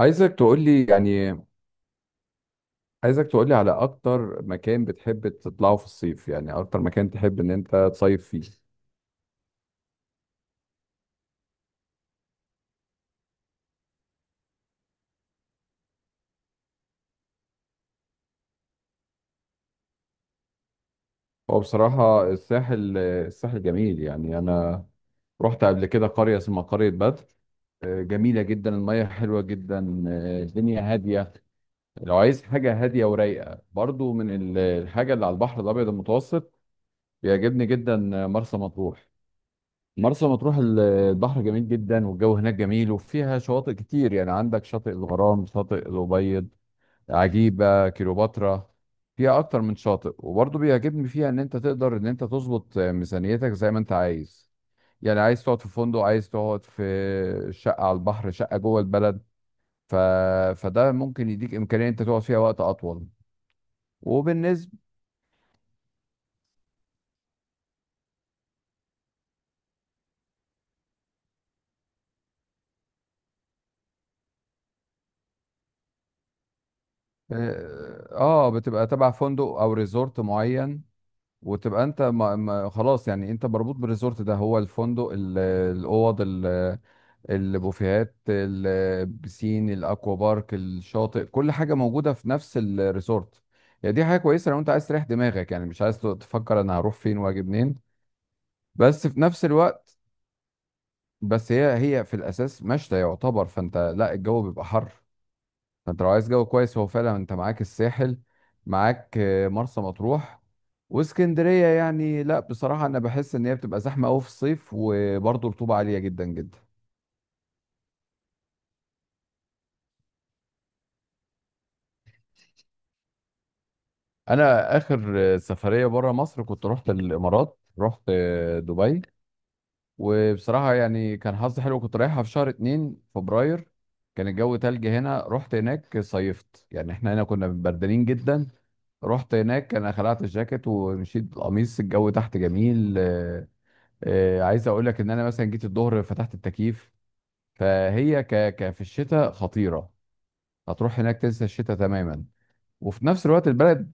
عايزك تقولي يعني عايزك تقولي على أكتر مكان بتحب تطلعه في الصيف، يعني أكتر مكان تحب إن أنت تصيف فيه. هو بصراحة، الساحل، جميل، يعني أنا رحت قبل كده قرية اسمها قرية بدر. جميلة جدا، المية حلوة جدا، الدنيا هادية. لو عايز حاجة هادية ورايقة برضو، من الحاجة اللي على البحر الأبيض المتوسط، بيعجبني جدا. مرسى مطروح. البحر جميل جدا، والجو هناك جميل، وفيها شواطئ كتير، يعني عندك شاطئ الغرام، شاطئ الأبيض، عجيبة كليوباترا. فيها أكتر من شاطئ، وبرضه بيعجبني فيها إن أنت تقدر إن أنت تظبط ميزانيتك زي ما أنت عايز. يعني عايز تقعد في فندق، عايز تقعد في شقة على البحر، شقة جوه البلد. ف... فده ممكن يديك إمكانية إن أنت تقعد فيها وقت أطول. وبالنسبة، بتبقى تبع فندق أو ريزورت معين. وتبقى انت، ما خلاص، يعني انت مربوط بالريزورت ده، هو الفندق، الاوض، البوفيهات، البسين، الاكوا بارك، الشاطئ، كل حاجه موجوده في نفس الريزورت. يعني دي حاجه كويسه لو انت عايز تريح دماغك، يعني مش عايز تفكر انا هروح فين واجي منين. بس في نفس الوقت، بس هي في الاساس مشتى يعتبر، فانت، لا، الجو بيبقى حر. فانت لو عايز جو كويس، هو فعلا انت معاك الساحل، معاك مرسى مطروح. واسكندريه يعني، لا، بصراحه انا بحس ان هي بتبقى زحمه قوي في الصيف، وبرضه رطوبه عاليه جدا جدا. انا اخر سفريه بره مصر كنت رحت الامارات، رحت دبي. وبصراحه يعني كان حظي حلو، كنت رايحها في شهر 2 فبراير. كان الجو تلج هنا، رحت هناك صيفت، يعني احنا هنا كنا بردانين جدا. رحت هناك، انا خلعت الجاكيت ومشيت بالقميص، الجو تحت جميل. عايز اقول لك ان انا مثلا جيت الظهر فتحت التكييف. فهي ك... ك في الشتاء خطيره. هتروح هناك تنسى الشتاء تماما. وفي نفس الوقت البلد...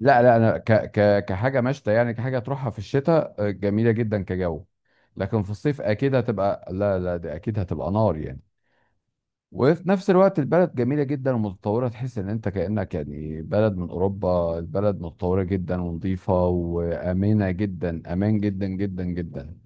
لا، لا، انا كحاجه مشتى، يعني كحاجه تروحها في الشتاء، جميله جدا كجو. لكن في الصيف اكيد هتبقى، لا، لا، دي اكيد هتبقى نار يعني. وفي نفس الوقت البلد جميله جدا ومتطوره، تحس ان انت كانك يعني بلد من اوروبا، البلد متطوره جدا ونظيفه وامنه جدا، امان جدا جدا جدا.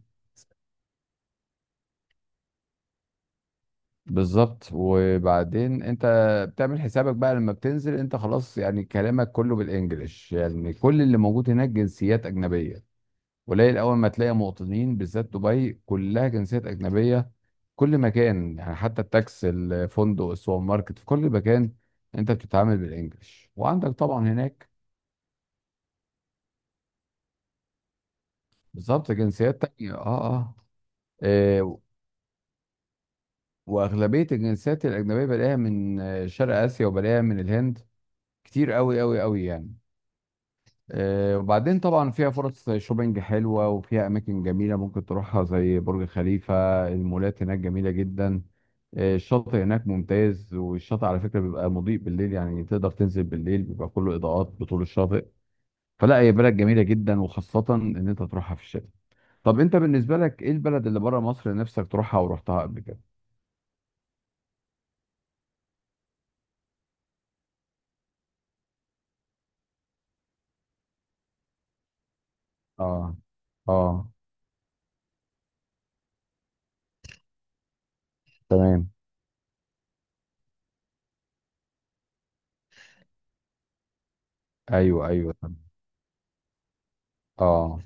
بالظبط، وبعدين انت بتعمل حسابك بقى لما بتنزل انت خلاص، يعني كلامك كله بالانجلش، يعني كل اللي موجود هناك جنسيات اجنبيه. قليل اول ما تلاقي مواطنين، بالذات دبي كلها جنسيات اجنبيه. كل مكان يعني، حتى التاكس، الفندق، السوبر ماركت، في كل مكان انت بتتعامل بالانجلش، وعندك طبعا هناك. بالظبط، جنسيات تانية، اه، اه. اه، واغلبيه الجنسيات الاجنبيه بلاقيها من شرق اسيا، وبلاقيها من الهند، كتير قوي قوي قوي يعني. وبعدين طبعا فيها فرص شوبينج حلوة، وفيها أماكن جميلة ممكن تروحها زي برج خليفة. المولات هناك جميلة جدا. الشاطئ هناك ممتاز، والشاطئ على فكرة بيبقى مضيء بالليل، يعني تقدر تنزل بالليل بيبقى كله إضاءات بطول الشاطئ. فلا، هي بلد جميلة جدا، وخاصة إن أنت تروحها في الشتاء. طب أنت بالنسبة لك إيه البلد اللي بره مصر نفسك تروحها ورحتها قبل كده؟ آه، آه، تمام. أيوه، أيوه، تمام. آه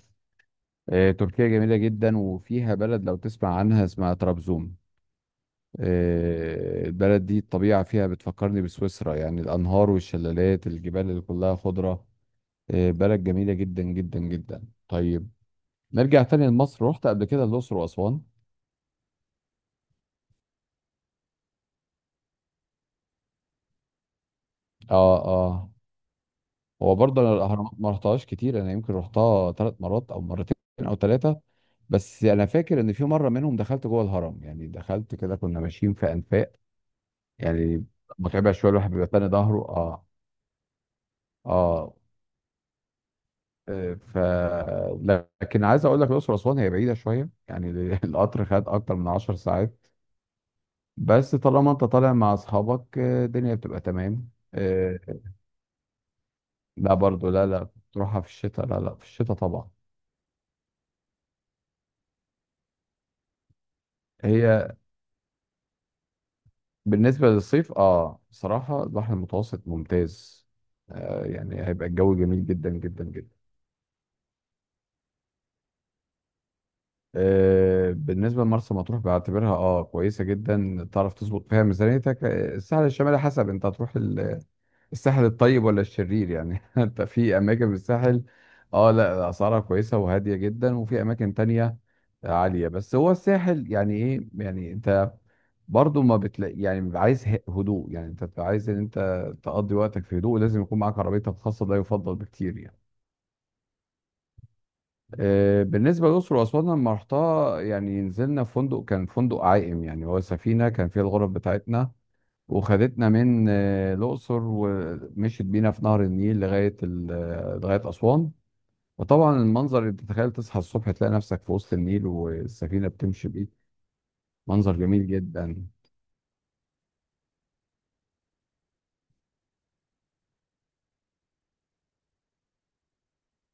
تركيا جميلة جدا، وفيها بلد لو تسمع عنها اسمها طرابزون. البلد دي الطبيعة فيها بتفكرني بسويسرا، يعني الأنهار والشلالات، الجبال اللي كلها خضرة. بلد جميلة جدا جدا جدا. طيب، نرجع تاني لمصر، رحت قبل كده الأقصر وأسوان. اه، اه. هو برضه أنا الأهرامات ما رحتهاش كتير، أنا يمكن رحتها ثلاث مرات أو مرتين أو ثلاثة. بس أنا فاكر إن في مرة منهم دخلت جوه الهرم، يعني دخلت كده، كنا ماشيين في أنفاق يعني. متعبة شوية، الواحد بيبقى تاني ظهره، اه، اه. آه، ف لكن عايز اقول لك الاقصر واسوان هي بعيده شويه يعني القطر خد اكتر من 10 ساعات. بس طالما انت طالع مع اصحابك، الدنيا بتبقى تمام. لا، برضو، لا، لا، تروحها في الشتاء، لا، لا، في الشتاء طبعا. هي بالنسبه للصيف، اه، بصراحه البحر المتوسط ممتاز. يعني هيبقى الجو جميل جدا جدا جدا. بالنسبة لمرسى مطروح بعتبرها اه كويسة جدا، تعرف تظبط فيها ميزانيتك. الساحل الشمالي حسب انت هتروح الساحل الطيب ولا الشرير يعني انت في اماكن في الساحل، اه، لا، اسعارها كويسة وهادية جدا، وفي اماكن تانية عالية، بس هو الساحل يعني ايه يعني انت برضو ما بتلاقي، يعني بيبقى عايز هدوء يعني، انت بتبقى عايز ان انت تقضي وقتك في هدوء، لازم يكون معاك عربيتك الخاصة، ده يفضل بكتير يعني. بالنسبة للأقصر وأسوان لما رحتها، يعني نزلنا في فندق، كان فندق عائم، يعني هو سفينة كان فيها الغرف بتاعتنا، وخدتنا من الأقصر ومشيت بينا في نهر النيل لغاية لغاية أسوان. وطبعا المنظر، اللي تتخيل تصحى الصبح تلاقي نفسك في وسط النيل والسفينة بتمشي بيك، منظر جميل جدا.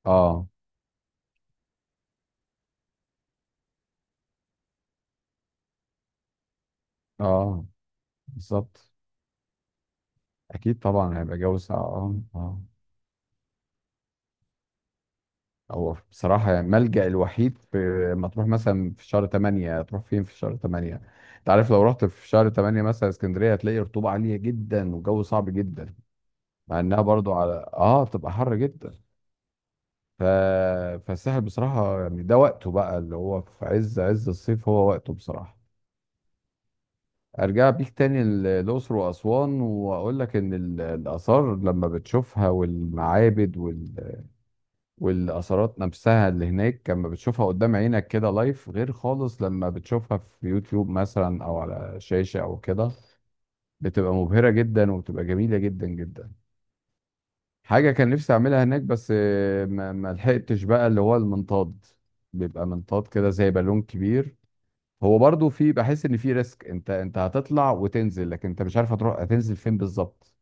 اه، اه، بالظبط. أكيد طبعا هيبقى جو ساقع، اه، اه. هو بصراحة يعني الملجأ الوحيد. في، ما تروح مثلا في شهر 8، تروح فين في شهر 8؟ انت عارف لو رحت في شهر 8 مثلا اسكندرية، هتلاقي رطوبة عالية جدا والجو صعب جدا، مع انها برضو على، اه، بتبقى حر جدا. ف... فالساحل بصراحة يعني ده وقته بقى، اللي هو في عز عز الصيف، هو وقته بصراحة. ارجع بيك تاني الأقصر وأسوان، واقول لك ان الآثار لما بتشوفها، والمعابد والاثارات نفسها اللي هناك لما بتشوفها قدام عينك كده لايف، غير خالص لما بتشوفها في يوتيوب مثلا او على شاشة او كده، بتبقى مبهرة جدا، وبتبقى جميلة جدا جدا. حاجة كان نفسي اعملها هناك بس ما لحقتش بقى، اللي هو المنطاد، بيبقى منطاد كده زي بالون كبير. هو برضو، في بحس ان في ريسك، انت هتطلع وتنزل، لكن انت مش عارف هتروح هتنزل فين بالظبط.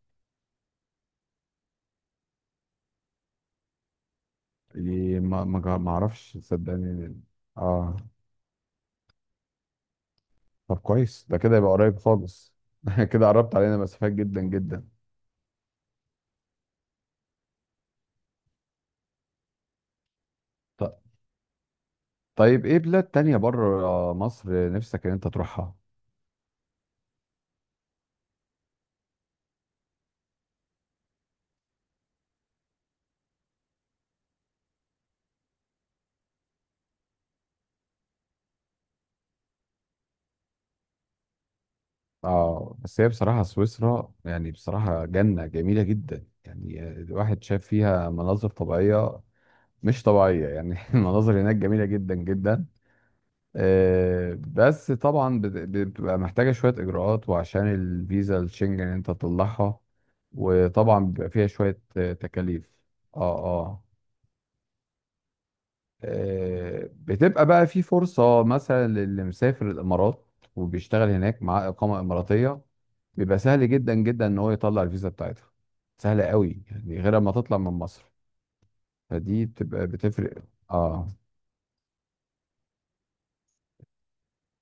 يعني ما اعرفش، صدقني. اه، طب كويس، ده كده يبقى قريب خالص. كده قربت علينا مسافات جدا جدا. ط- طيب، ايه بلاد تانية بره مصر نفسك ان انت تروحها؟ اه، بس هي بصراحة سويسرا، يعني بصراحة جنة جميلة جدا، يعني الواحد شاف فيها مناظر طبيعية مش طبيعية يعني المناظر هناك جميلة جدا جدا. آه، بس طبعا بتبقى محتاجة شوية إجراءات، وعشان الفيزا الشنجن انت تطلعها، وطبعا بيبقى فيها شوية تكاليف. اه، اه. بتبقى بقى في فرصة، مثلا للي مسافر الإمارات وبيشتغل هناك معاه إقامة إماراتية، بيبقى سهل جدا جدا إن هو يطلع الفيزا بتاعتها، سهلة قوي يعني غير ما تطلع من مصر، فدي بتبقى بتفرق، اه،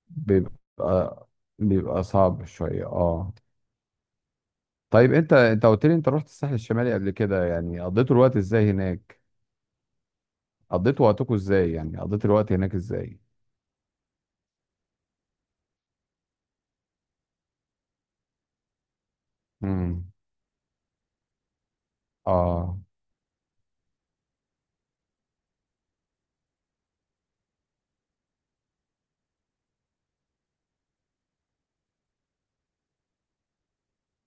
بيبقى بيبقى صعب شوية، اه. طيب، انت قلت لي انت رحت الساحل الشمالي قبل كده، يعني قضيتوا الوقت ازاي هناك؟ قضيتوا وقتكم ازاي، يعني قضيت الوقت هناك ازاي؟ امم اه،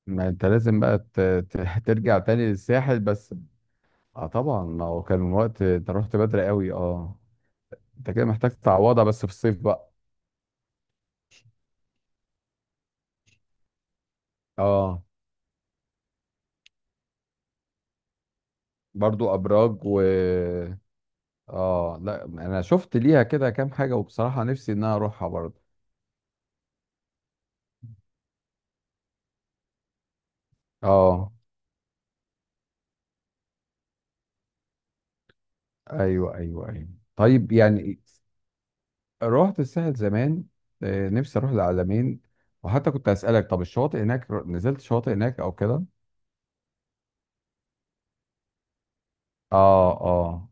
ما انت لازم بقى ترجع تاني للساحل بس، اه، طبعا، ما هو كان الوقت انت رحت بدري قوي، اه. انت كده محتاج تعوضها بس في الصيف بقى، اه، برضو ابراج و... اه، لا، انا شفت ليها كده كام حاجة، وبصراحة نفسي ان انا اروحها برضو، اه. ايوه، ايوه، ايوه. طيب يعني، رحت الساحل زمان، نفسي اروح العلمين. وحتى كنت اسالك، طب الشواطئ هناك، نزلت شواطئ هناك او كده؟ اه، اه،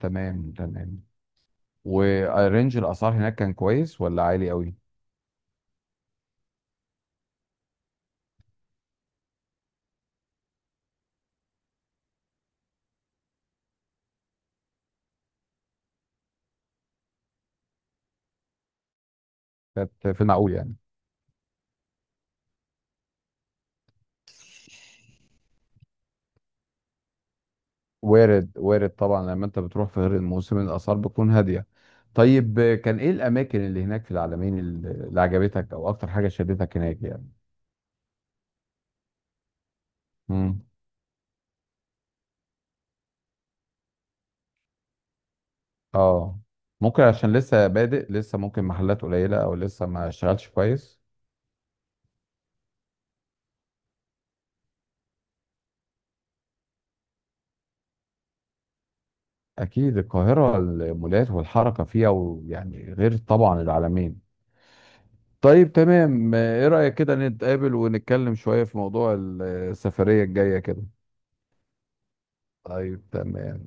تمام، تمام. ورينج الاسعار هناك كان كويس ولا عالي قوي؟ كانت في المعقول يعني. وارد، وارد طبعا، لما انت بتروح في غير الموسم الاسعار بتكون هاديه. طيب، كان ايه الاماكن اللي هناك في العلمين اللي عجبتك، او اكتر حاجه شدتك هناك يعني؟ امم اه، ممكن عشان لسه بادئ، لسه ممكن محلات قليله او لسه ما اشتغلش كويس. اكيد، القاهره المولات والحركه فيها ويعني غير طبعا العلمين. طيب تمام، ايه رأيك كده نتقابل ونتكلم شوية في موضوع السفرية الجاية كده؟ طيب تمام.